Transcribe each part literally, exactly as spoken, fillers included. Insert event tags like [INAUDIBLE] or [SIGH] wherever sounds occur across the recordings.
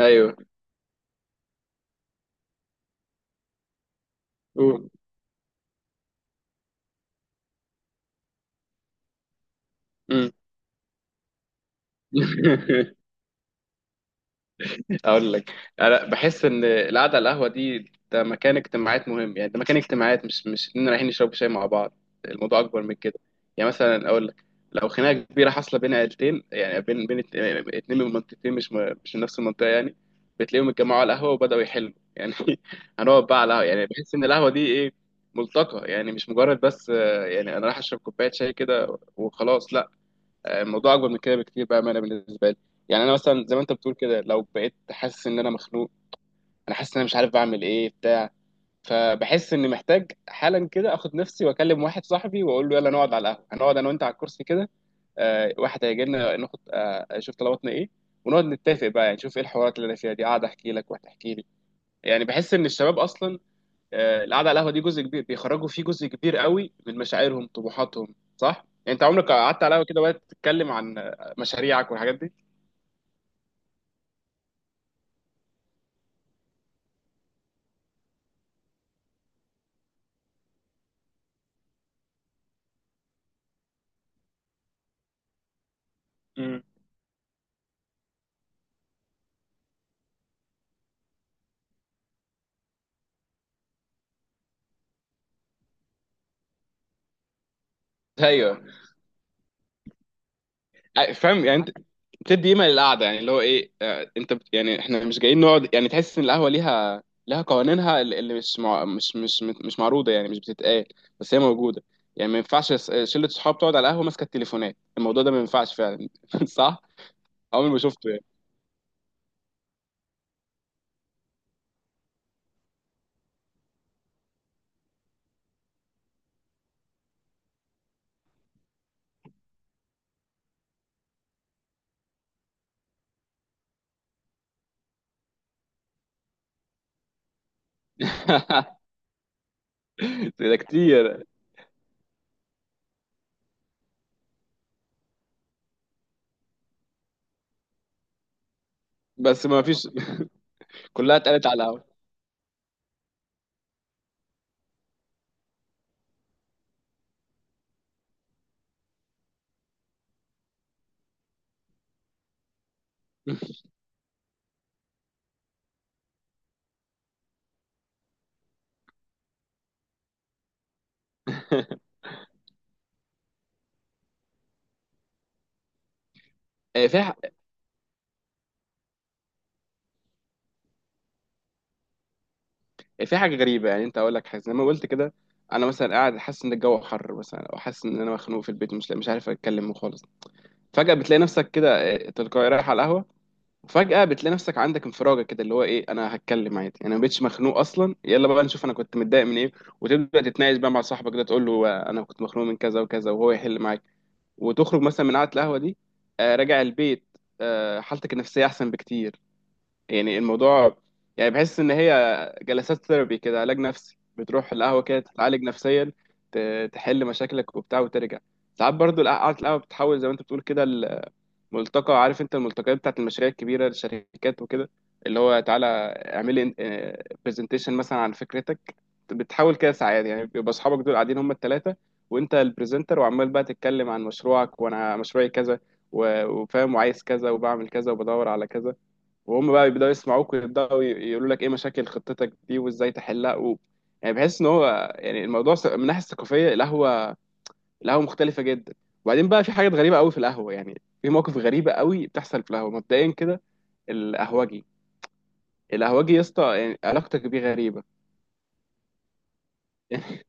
ايوه، قول. مم. [LAUGHS] اقول لك، انا بحس ان القعده على القهوه دي ده مكان اجتماعات مهم. يعني ده مكان اجتماعات، مش مش اننا رايحين نشرب شاي مع بعض. الموضوع اكبر من كده. يعني مثلا اقول لك، لو خناقه كبيره حاصله بين عيلتين، يعني بين بين ات- اتنين من منطقتين، مش م- مش من نفس المنطقه يعني. بتلاقيهم اتجمعوا على القهوه وبداوا يحلوا يعني. [LAUGHS] هنقعد بقى على القهوه. يعني بحس ان القهوه دي ايه؟ ملتقى. يعني مش مجرد بس آه، يعني انا رايح اشرب كوبايه شاي كده وخلاص، لا. آه، الموضوع اكبر من كده بكتير بقى، انا بالنسبه لي. يعني انا مثلا زي ما انت بتقول كده، لو بقيت حاسس ان انا مخنوق، انا حاسس ان انا مش عارف بعمل ايه بتاع. فبحس اني محتاج حالا كده اخد نفسي واكلم واحد صاحبي واقول له يلا نقعد على القهوه. هنقعد انا وانت على الكرسي كده، آه، واحد هيجي لنا ناخد آه، اشوف طلباتنا ايه، ونقعد نتفق بقى. يعني نشوف ايه الحوارات اللي انا فيها دي، قاعد احكي لك وهتحكي لي. يعني بحس ان الشباب اصلا آه، القعده على القهوه دي جزء كبير بيخرجوا فيه جزء كبير قوي من مشاعرهم، طموحاتهم، صح؟ يعني انت عمرك قعدت على القهوه كده وقت تتكلم عن آه، مشاريعك والحاجات دي؟ امم. ايوه. آه، فاهم يعني انت بتدي قيمه للقعده. يعني اللي هو ايه آه، انت بت... يعني احنا مش جايين نقعد. يعني تحس ان القهوه ليها لها قوانينها، اللي اللي مش مع... مش مش مش معروضه يعني مش بتتقال، بس هي موجوده. يعني ما ينفعش س- شله صحاب تقعد على القهوه ماسكه التليفونات. الموضوع ده ما ينفعش فعلا. [LAUGHS] صح؟ عمري ما شفته يعني. [LAUGHS] ده كتير. بس ما فيش. كلها اتقالت على القهوة. [LAUGHS] آه، في ح- في حاجة غريبة، يعني انت اقول لك حاجة زي ما قلت كده. انا مثلا قاعد حاسس ان الجو حر مثلا، او حاسس ان انا مخنوق في البيت، مش مش عارف اتكلم خالص. فجأة بتلاقي نفسك كده آه، تلقائي رايح على القهوة. وفجأة بتلاقي نفسك عندك انفراجة كده، اللي هو ايه انا هتكلم عادي، انا ما بقتش مخنوق اصلا، يلا بقى نشوف انا كنت متضايق من ايه. وتبدأ تتناقش بقى مع صاحبك ده، تقول له آه، انا كنت مخنوق من كذا وكذا، وهو يحل معاك. وتخرج مثلا من قعدة القهوة دي آه، راجع البيت، آه، حالتك النفسية احسن بكتير. يعني الموضوع، يعني بحس ان هي جلسات ثيرابي كده، علاج نفسي. بتروح القهوه كده تتعالج نفسيا، ت- تحل مشاكلك وبتاع وترجع. ساعات برضو الق- قعدة القهوه بتحول زي ما انت بتقول كده، الملتقى. عارف انت الملتقيات بتاعت المشاريع الكبيره، الشركات وكده، اللي هو تعالى اعمل لي برزنتيشن مثلا عن فكرتك. بتحاول كده ساعات. يعني بيبقى اصحابك دول قاعدين هم الثلاثه، وانت البرزنتر، وعمال بقى تتكلم عن مشروعك وانا مشروعي كذا، و- وفاهم وعايز كذا وبعمل كذا وبدور على كذا، وهم بقى يبداوا يسمعوك ويبداوا ي- يقولوا لك ايه مشاكل خطتك دي وازاي تحلها و... يعني بحس ان هو يعني الموضوع س- من الناحيه الثقافيه، القهوه، القهوه مختلفه جدا. وبعدين بقى في حاجات غريبه قوي في القهوه، يعني في مواقف غريبه قوي بتحصل في القهوه. مبدئيا كده، القهوجي، القهوجي يا اسطى، يعني علاقتك بيه غريبه. [LAUGHS] يعني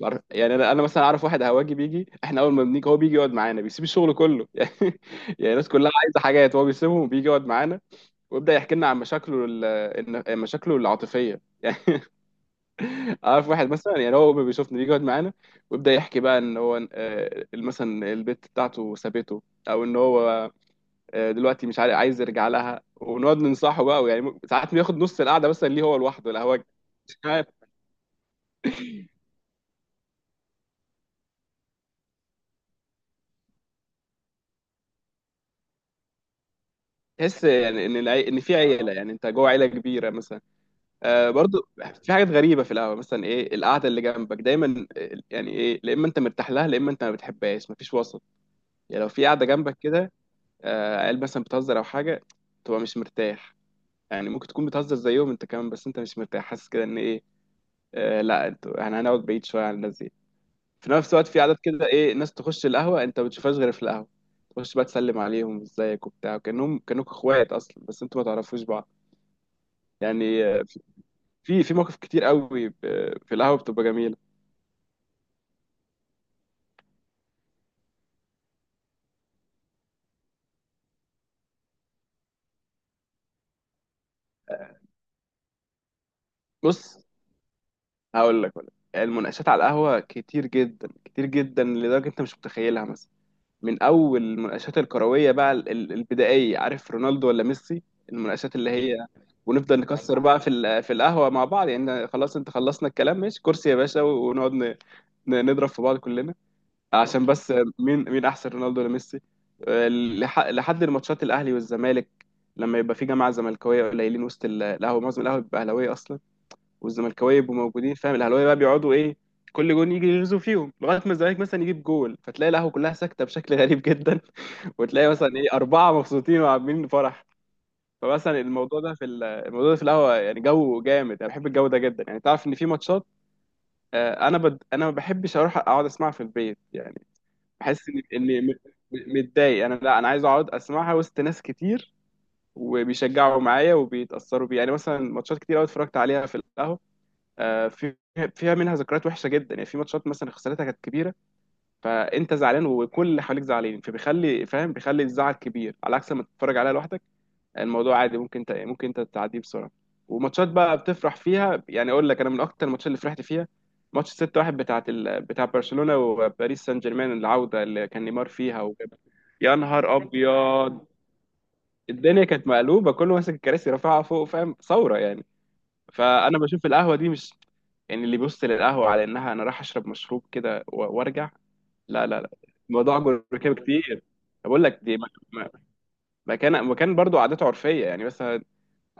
بعرف- يعني انا انا مثلا اعرف واحد قهوجي بيجي، احنا اول ما بنيجي هو بيجي يقعد معانا، بيسيب الشغل كله. [LAUGHS] يعني، يعني الناس كلها عايزه حاجات، هو بيسيبهم وبيجي يقعد معانا، ويبدا يحكي لنا عن مشاكله ال- إن- مشاكله العاطفيه. [LAUGHS] عارف واحد مثلا، يعني هو بيشوفني بيجي يقعد معانا، ويبدا يحكي بقى ان هو آه، مثلا البت بتاعته سابته، او ان هو آه، دلوقتي مش عارف عايز يرجع لها. ونقعد ننصحه بقى، ويعني ساعات بياخد نص القعده مثلا ليه هو لوحده، لا هو مش عارف. تحس يعني ان العي... ان في عيله، يعني انت جوه عيله كبيره مثلا. آه برضو في حاجات غريبه في القهوه. مثلا ايه القعده اللي جنبك دايما آه، يعني ايه، لا اما انت مرتاح لها، لا اما انت ما بتحبهاش، مفيش وسط. يعني لو في قعده جنبك كده آه عيال مثلا بتهزر او حاجه، تبقى مش مرتاح. يعني ممكن تكون بتهزر زيهم انت كمان، بس انت مش مرتاح، حاسس كده ان ايه، آه لا انتوا، احنا هنقعد بعيد شويه عن الناس دي. في نفس الوقت في عادات كده، ايه ناس تخش القهوه انت ما بتشوفهاش غير في القهوه، تخش بقى تسلم عليهم ازيك وبتاع، كانهم كانوك اخوات اصلا بس انتوا ما تعرفوش بعض. يعني آه، في في مواقف كتير قوي ب- في القهوه بتبقى جميله. بص هقول لك ولا؟ المناقشات على القهوه كتير جدا، كتير جدا، لدرجه انت مش متخيلها. مثلا، من اول المناقشات الكرويه بقى ال- ال- البدائيه، عارف، رونالدو ولا ميسي. المناقشات اللي هي، ونفضل نكسر بقى في ال- في القهوه مع بعض. يعني خلاص انت خلصنا الكلام، ماشي كرسي يا باشا، ونقعد ن- ن- نضرب في بعض كلنا عشان بس مين، مين احسن، رونالدو ولا ميسي؟ آه، لح- لحد الماتشات الاهلي والزمالك، لما يبقى في جماعه زملكاويه قليلين وسط ال- القهوه، معظم القهوه بتبقى اهلاويه اصلا، والزملكاويه يبقوا موجودين. فاهم؟ الاهلاويه بقى بيقعدوا ايه؟ كل جون يجي يغزوا فيهم، لغايه ما الزمالك مثلا يجيب جول، فتلاقي القهوه كلها ساكته بشكل غريب جدا. [LAUGHS] وتلاقي مثلا ايه اربعه مبسوطين وعاملين فرح. فمثلا الموضوع ده في ال- الموضوع ده في القهوه يعني جو جامد، انا بحب الجو ده جدا. يعني تعرف ان في ماتشات آه، انا بد... انا ما بحبش اروح اقعد اسمعها في البيت. يعني بحس ان اني م- م- متضايق. انا لا، انا عايز اقعد اسمعها وسط ناس كتير، وبيشجعوا معايا وبيتاثروا بيها. يعني مثلا ماتشات كتير قوي اتفرجت عليها في القهوه، آه، في فيها، منها ذكريات وحشه جدا. يعني في ماتشات مثلا خسارتها كانت كبيره، فانت زعلان وكل اللي حواليك زعلانين، فبيخلي، فاهم، بيخلي الزعل كبير، على عكس لما تتفرج عليها لوحدك الموضوع عادي، ممكن انت ممكن انت تعديه بسرعه. وماتشات بقى بتفرح فيها. يعني اقول لك، انا من اكتر الماتشات اللي فرحت فيها، ماتش ستة واحد بتاعت ال... بتاع برشلونه وباريس سان جيرمان، العوده اللي كان نيمار فيها وجاب. يا نهار ابيض. الدنيا كانت مقلوبه، كله ماسك الكراسي رافعها فوق، فاهم؟ ثوره يعني. فانا بشوف القهوه دي مش، يعني اللي بيبص للقهوه على انها انا رايح اشرب مشروب كده و- وارجع، لا لا لا، الموضوع اكبر من كده بكتير. بقول لك، دي مك- مكان مكان برضو عاداته عرفيه. يعني مثلا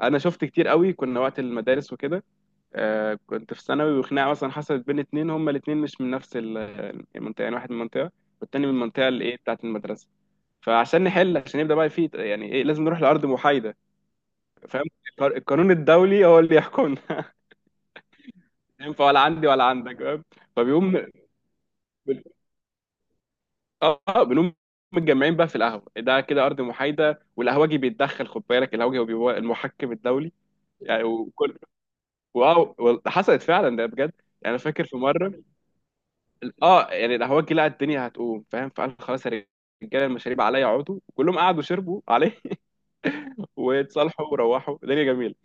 انا شفت كتير قوي كنا وقت المدارس وكده، آه كنت في ثانوي، وخناقه مثلا حصلت بين اتنين، هما الاتنين مش من نفس ال- المنطقه، يعني واحد من المنطقه والتاني من المنطقه الايه بتاعت المدرسه. فعشان نحل، عشان يبدا بقى في يعني ايه، لازم نروح لارض محايده. فاهم؟ القانون الدولي هو اللي يحكمنا، ينفع ولا عندي ولا عندك، فاهم؟ فبيقوم بن- اه بنقوم متجمعين بقى في القهوه. ده كده ارض محايده. والقهوجي بيتدخل، خد بالك، القهوجي هو بيبقى المحكم الدولي، يعني. وكل، واو وال- حصلت فعلا ده، بجد. يعني انا فاكر في مره، اه، يعني القهوجي لقى الدنيا هتقوم، فاهم، فقال خلاص يا رجاله، المشاريب عليا، اقعدوا. كلهم قعدوا شربوا عليه. [LAUGHS] واتصالحوا وروحوا، الدنيا جميله.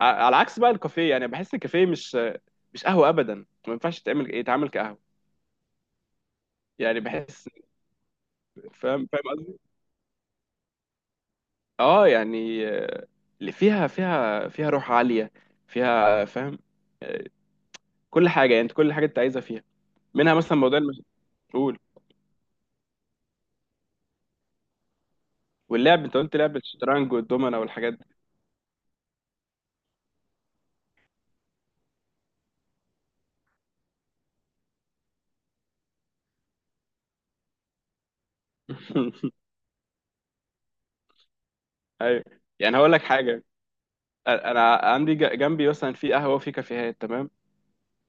ع- على عكس بقى الكافيه، يعني بحس الكافيه مش مش قهوه ابدا، ما ينفعش تعمل يتعامل كقهوه. يعني بحس، فاهم، فاهم، اه يعني آه، اللي فيها فيها فيها روح عالية، فيها، فاهم. آه، كل حاجة، يعني انت كل حاجة انت عايزها فيها. منها مثلا موضوع المسؤول، واللعب، انت قلت لعب الشطرنج والدومنة والحاجات دي. [LAUGHS] ايوه. يعني هقول لك حاجة، أ- انا عندي ج- جنبي مثلا في قهوة وفي كافيهات تمام.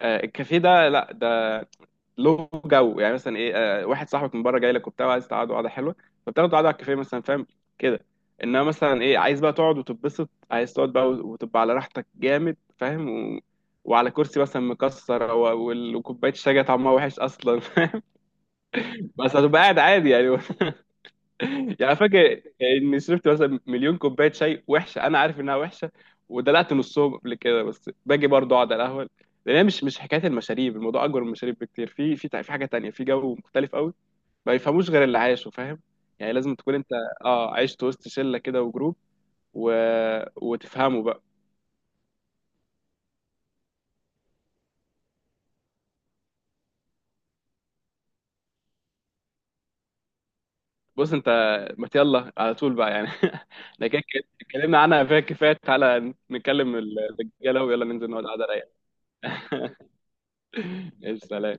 آه، الكافيه ده، لا ده له جو. يعني مثلا ايه، آه واحد صاحبك من بره جاي لك وبتاع، وعايز تقعدوا قعده حلوه، فبتاخدوا قعده على الكافيه مثلا، فاهم كده. انما مثلا ايه عايز بقى تقعد وتتبسط، عايز تقعد بقى وتبقى على راحتك جامد، فاهم، و... وعلى كرسي مثلا مكسر و... وال- وكوبايه الشاي جاية طعمها وحش اصلا. [LAUGHS] بس هتبقى قاعد عادي يعني. [LAUGHS] يعني فاكر اني شربت مثلا مليون كوبايه شاي وحشه، انا عارف انها وحشه، ودلقت نصهم قبل كده، بس باجي برضه اقعد على القهوه، لان هي مش، مش حكايه المشاريب، الموضوع اكبر من المشاريب بكتير. في في تع- في حاجه تانية، في جو مختلف قوي ما يفهموش غير اللي عايشه، فاهم. يعني لازم تكون انت اه عشت وسط شله كده وجروب و... وتفهمه بقى. بص انت، ما يلا على طول بقى يعني. [LAUGHS] احنا كده كده اتكلمنا عنها فيها كفايه، تعالى نتكلم الرجاله ويلا ننزل نقعد قعده رايقه. [LAUGHS] ايش، سلام.